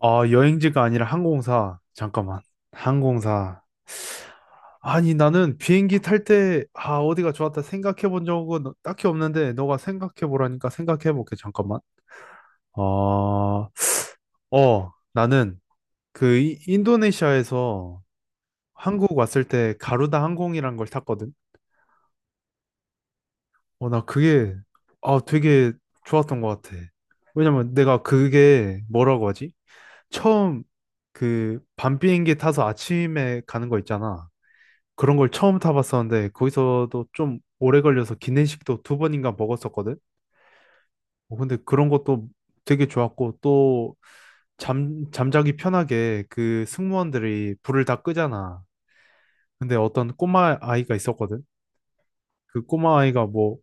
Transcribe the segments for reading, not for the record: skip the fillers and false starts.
아, 여행지가 아니라 항공사. 잠깐만. 항공사. 아니, 나는 비행기 탈 때, 아, 어디가 좋았다 생각해 본 적은 딱히 없는데, 너가 생각해 보라니까 생각해 볼게. 잠깐만. 아, 어, 나는 그 인도네시아에서 한국 왔을 때 가루다 항공이란 걸 탔거든. 어, 나 그게, 아, 되게 좋았던 것 같아. 왜냐면 내가 그게 뭐라고 하지? 처음 그 밤 비행기 타서 아침에 가는 거 있잖아. 그런 걸 처음 타봤었는데 거기서도 좀 오래 걸려서 기내식도 두 번인가 먹었었거든. 어, 근데 그런 것도 되게 좋았고 또 잠자기 편하게 그 승무원들이 불을 다 끄잖아. 근데 어떤 꼬마 아이가 있었거든. 그 꼬마 아이가 뭐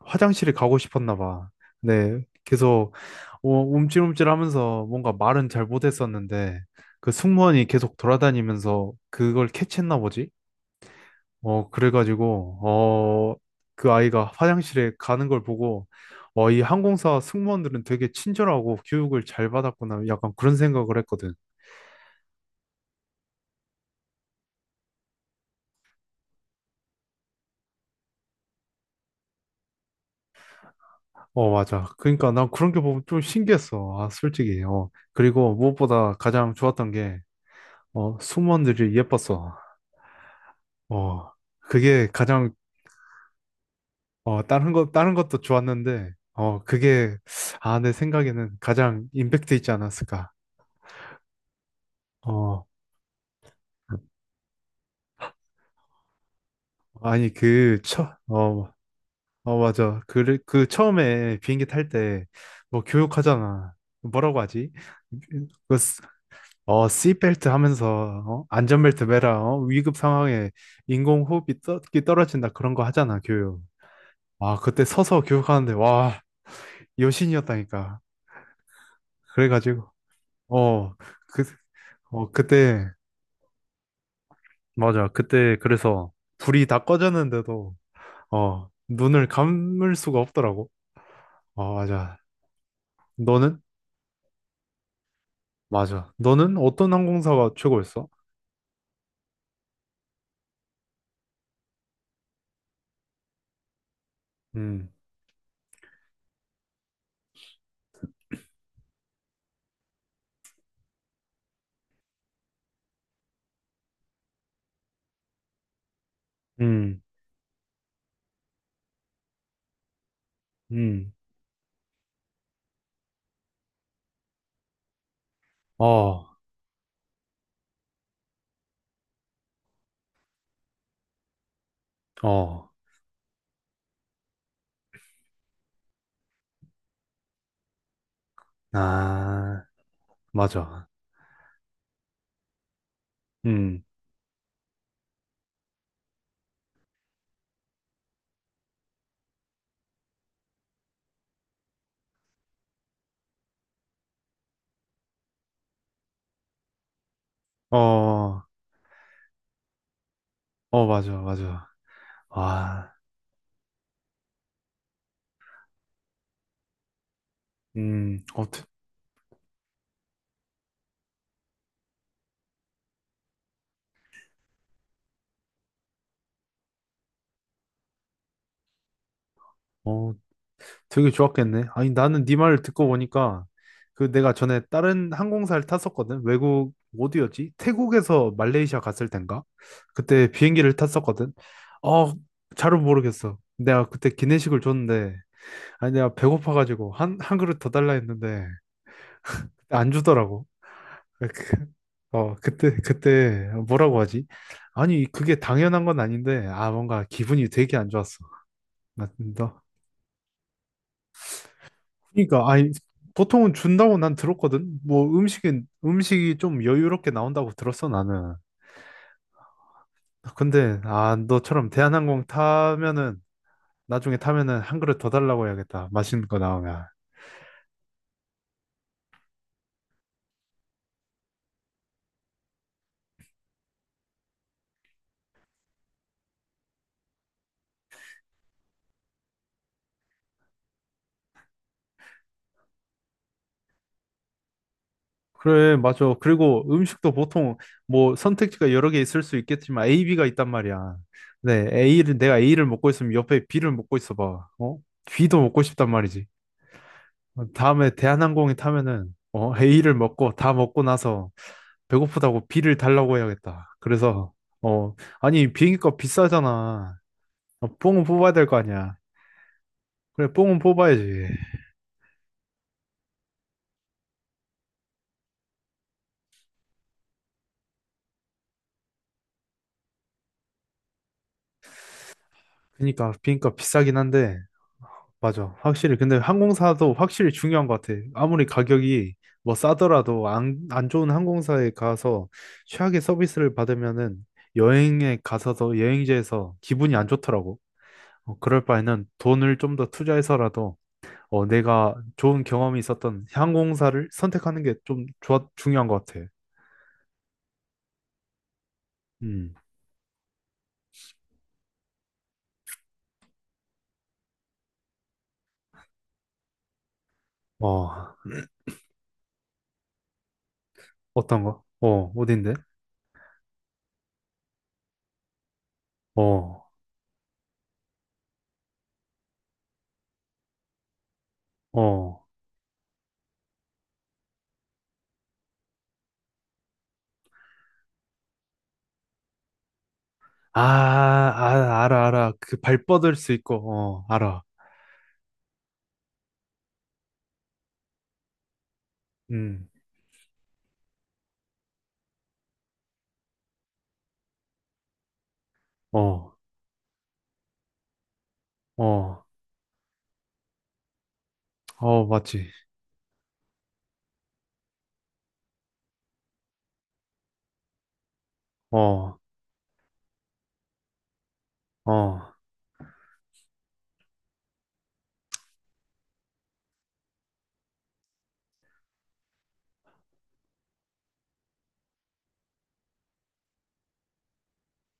화장실에 가고 싶었나 봐. 네. 계속 어, 움찔움찔 하면서 뭔가 말은 잘 못했었는데 그 승무원이 계속 돌아다니면서 그걸 캐치했나 보지. 어, 그래가지고, 어, 그 아이가 화장실에 가는 걸 보고, 어, 이 항공사 승무원들은 되게 친절하고 교육을 잘 받았구나. 약간 그런 생각을 했거든. 어, 맞아. 그러니까 난 그런 게 보면 좀 신기했어. 아, 솔직히. 어. 그리고 무엇보다 가장 좋았던 게, 어, 승무원들이 예뻤어. 어, 그게 가장, 어, 다른 것, 다른 것도 좋았는데, 어, 그게, 아, 내 생각에는 가장 임팩트 있지 않았을까. 어, 아니, 그, 어, 어, 맞아. 그, 그 처음에 비행기 탈 때 뭐 교육하잖아. 뭐라고 하지? 그, 어, 씨벨트 하면서, 어? 안전벨트 매라, 어? 위급 상황에 인공호흡이 끼 떨어진다. 그런 거 하잖아, 교육. 아, 그때 서서 교육하는데, 와, 여신이었다니까. 그래가지고, 어, 그, 어, 그때, 맞아. 그때, 그래서 불이 다 꺼졌는데도, 어, 눈을 감을 수가 없더라고. 어, 맞아. 너는? 맞아. 너는 어떤 항공사가 최고였어? 음, 음, 음, 어, 어, 아, 맞아. 음, 어, 어, 맞아, 맞아. 와, 어, 어, 되게 좋았겠네. 아니, 나는 네 말을 듣고 보니까 그 내가 전에 다른 항공사를 탔었거든. 외국 어디였지? 태국에서 말레이시아 갔을 땐가? 그때 비행기를 탔었거든. 어, 잘은 모르겠어. 내가 그때 기내식을 줬는데 아니 내가 배고파가지고 한, 한 그릇 더 달라 했는데 그때 안 주더라고. 그- 어, 그때 뭐라고 하지? 아니 그게 당연한 건 아닌데 아 뭔가 기분이 되게 안 좋았어. 나. 그러니까 아니 보통은 준다고 난 들었거든. 뭐 음식은 음식이 좀 여유롭게 나온다고 들었어 나는. 근데 아 너처럼 대한항공 타면은 나중에 타면은 한 그릇 더 달라고 해야겠다. 맛있는 거 나오면. 그래, 맞아. 그리고 음식도 보통 뭐 선택지가 여러 개 있을 수 있겠지만 A, B가 있단 말이야. 네, A를 내가 A를 먹고 있으면 옆에 B를 먹고 있어 봐. 어? B도 먹고 싶단 말이지. 어, 다음에 대한항공에 타면은 어, A를 먹고 다 먹고 나서 배고프다고 B를 달라고 해야겠다. 그래서 어, 아니 비행기값 비싸잖아. 어, 뽕은 뽑아야 될 거 아니야. 그래, 뽕은 뽑아야지. 그러니까 비행기값 비싸긴 한데 맞아. 확실히. 근데 항공사도 확실히 중요한 것 같아. 아무리 가격이 뭐 싸더라도 안 좋은 항공사에 가서 최악의 서비스를 받으면은 여행에 가서도 여행지에서 기분이 안 좋더라고. 어, 그럴 바에는 돈을 좀 더 투자해서라도 어, 내가 좋은 경험이 있었던 항공사를 선택하는 게 좀 좋아, 중요한 것 같아. 음. 어, 어떤 거? 어, 어딘데? 어, 어. 아, 아, 알아, 알아. 그 발 뻗을 수 있고, 어, 알아. 음. 어, 어, 어, 맞지. 어, 어,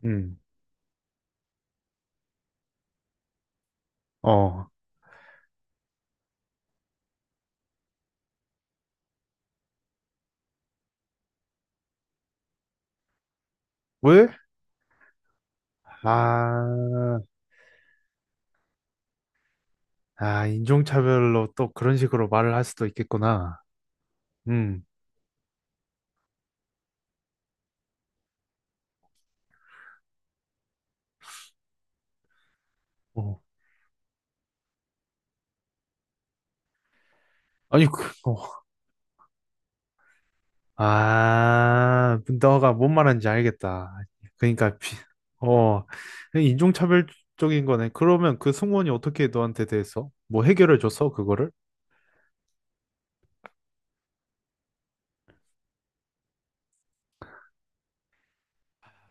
음, 어. 왜? 아, 아, 인종차별로 또 그런 식으로 말을 할 수도 있겠구나. 음, 어. 아니, 그, 어. 아, 너가 뭔 말하는지 알겠다. 그러니까, 비, 어, 인종차별적인 거네. 그러면 그 승무원이 어떻게 너한테 대해서 뭐 해결해 줬어, 그거를?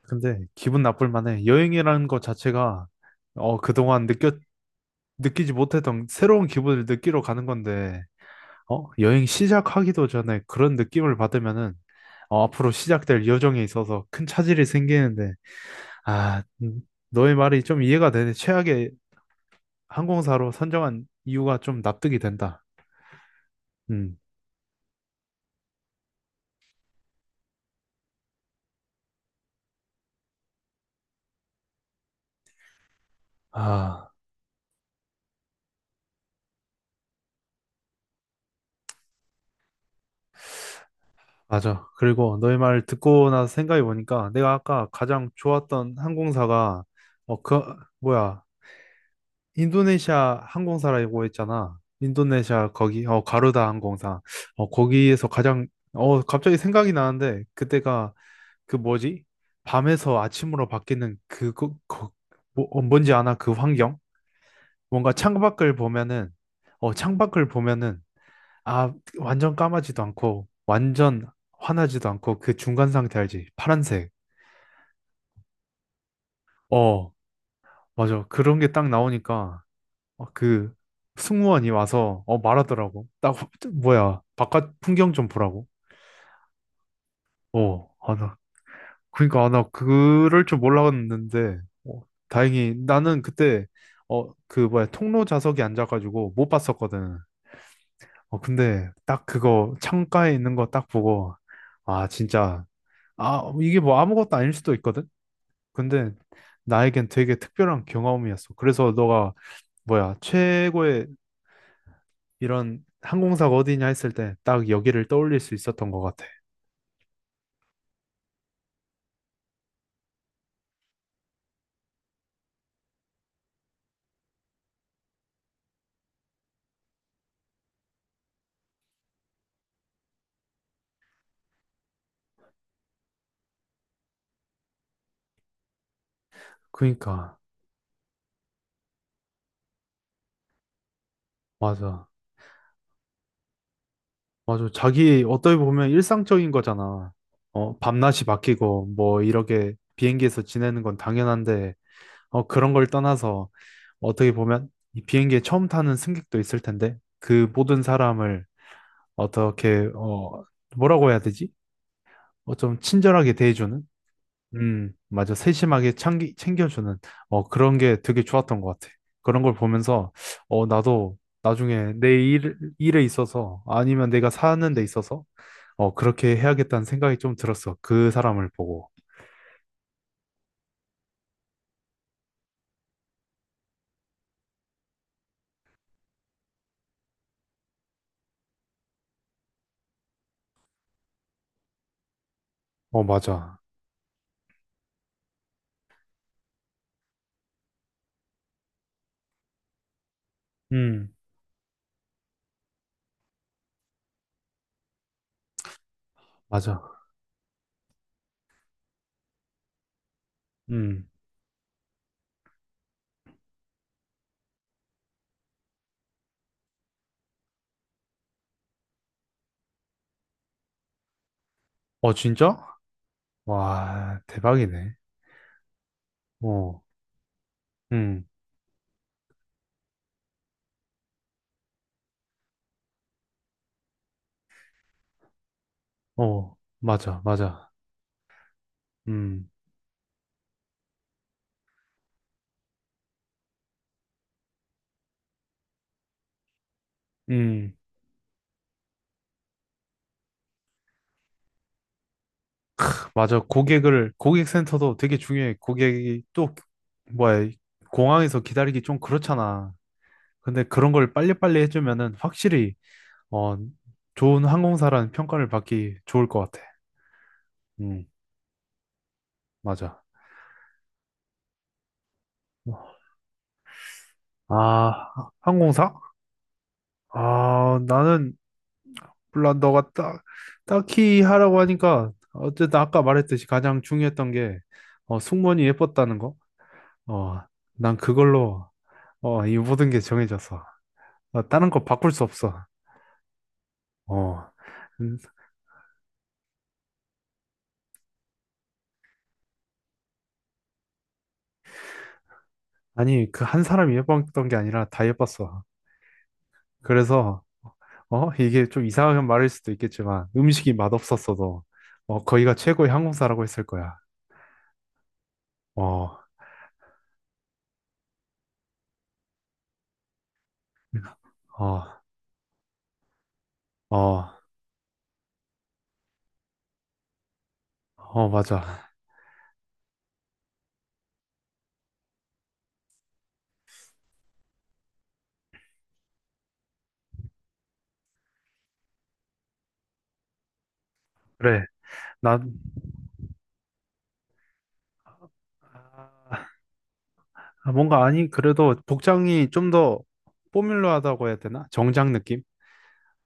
근데 기분 나쁠 만해. 여행이라는 것 자체가 어, 그동안 느껴 느끼지 못했던 새로운 기분을 느끼러 가는 건데, 어? 여행 시작하기도 전에 그런 느낌을 받으면은, 어, 앞으로 시작될 여정에 있어서 큰 차질이 생기는데, 아, 너의 말이 좀 이해가 되네. 최악의 항공사로 선정한 이유가 좀 납득이 된다. 음, 아, 맞아. 그리고 너의 말을 듣고 나서 생각해 보니까 내가 아까 가장 좋았던 항공사가, 어, 그, 뭐야. 인도네시아 항공사라고 했잖아. 인도네시아 거기 어 가루다 항공사. 어 거기에서 가장 어 갑자기 생각이 나는데 그때가 그 뭐지? 밤에서 아침으로 바뀌는 그거 거, 뭐, 어, 뭔지 아나 그 환경? 뭔가 창밖을 보면은 어 창밖을 보면은 아 완전 까마지도 않고 완전 환하지도 않고 그 중간 상태 알지? 파란색. 어 맞아. 그런 게 딱 나오니까 어, 그 승무원이 와서 어 말하더라고. 나 뭐야 바깥 풍경 좀 보라고. 어, 아, 나 그러니까 아, 나 그럴 줄 몰랐는데 어, 다행히 나는 그때 어 그 뭐야 통로 좌석에 앉아가지고 못 봤었거든. 어 근데 딱 그거 창가에 있는 거 딱 보고 아 진짜 아 이게 뭐 아무것도 아닐 수도 있거든. 근데 나에겐 되게 특별한 경험이었어. 그래서 너가 뭐야 최고의 이런 항공사가 어디냐 했을 때 딱 여기를 떠올릴 수 있었던 것 같아. 그니까, 맞아. 맞아. 자기, 어떻게 보면 일상적인 거잖아. 어, 밤낮이 바뀌고, 뭐, 이렇게 비행기에서 지내는 건 당연한데, 어, 그런 걸 떠나서, 어떻게 보면, 이 비행기에 처음 타는 승객도 있을 텐데, 그 모든 사람을 어떻게 어 뭐라고 해야 되지? 어 좀 친절하게 대해주는 맞아 세심하게 챙겨주는 어 그런 게 되게 좋았던 것 같아. 그런 걸 보면서 어 나도 나중에 내 일에 있어서 아니면 내가 사는 데 있어서 어 그렇게 해야겠다는 생각이 좀 들었어. 그 사람을 보고. 어 맞아. 음 맞아. 음 어 진짜? 와 대박이네. 어 음 어 맞아 맞아. 음 음. 맞아. 고객을, 고객센터도 되게 중요해. 고객이 또, 뭐야, 공항에서 기다리기 좀 그렇잖아. 근데 그런 걸 빨리빨리 해주면은 확실히, 어, 좋은 항공사라는 평가를 받기 좋을 것 같아. 음, 맞아. 아, 항공사? 아, 나는, 물론 너가 딱, 딱히 하라고 하니까, 어쨌든 아까 말했듯이 가장 중요했던 게, 어, 승무원이 예뻤다는 거? 어, 난 그걸로, 어, 이 모든 게 정해졌어. 어, 다른 거 바꿀 수 없어. 어, 음, 아니, 그 한 사람이 예뻤던 게 아니라 다 예뻤어. 그래서, 어, 이게 좀 이상한 말일 수도 있겠지만, 음식이 맛없었어도, 어, 거기가 최고의 항공사라고 했을 거야. 어, 어, 어, 어, 맞아. 그래. 난, 아, 뭔가, 아니, 그래도 복장이 좀 더 포뮬러하다고 해야 되나? 정장 느낌?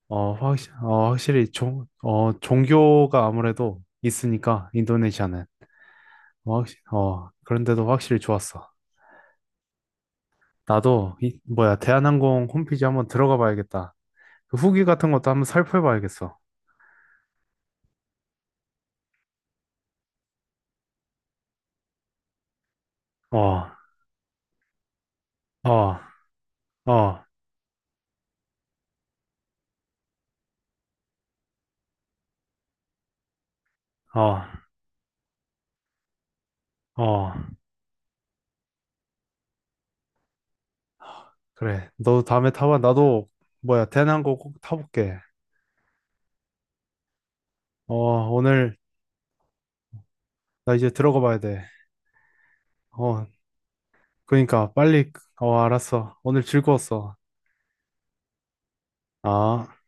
어, 어, 확실히 어, 종교가 아무래도 있으니까, 인도네시아는. 어, 어, 그런데도 확실히 좋았어. 나도 이 뭐야 대한항공 홈페이지 한번 들어가 봐야겠다. 그 후기 같은 것도 한번 살펴 봐야겠어. 어, 어, 어, 어, 어. 그래. 너도 다음에 타봐. 나도 뭐야 대한항공 꼭 타볼게. 어, 오늘 나 이제 들어가 봐야 돼. 어, 그러니까 빨리. 어, 알았어. 오늘 즐거웠어. 아.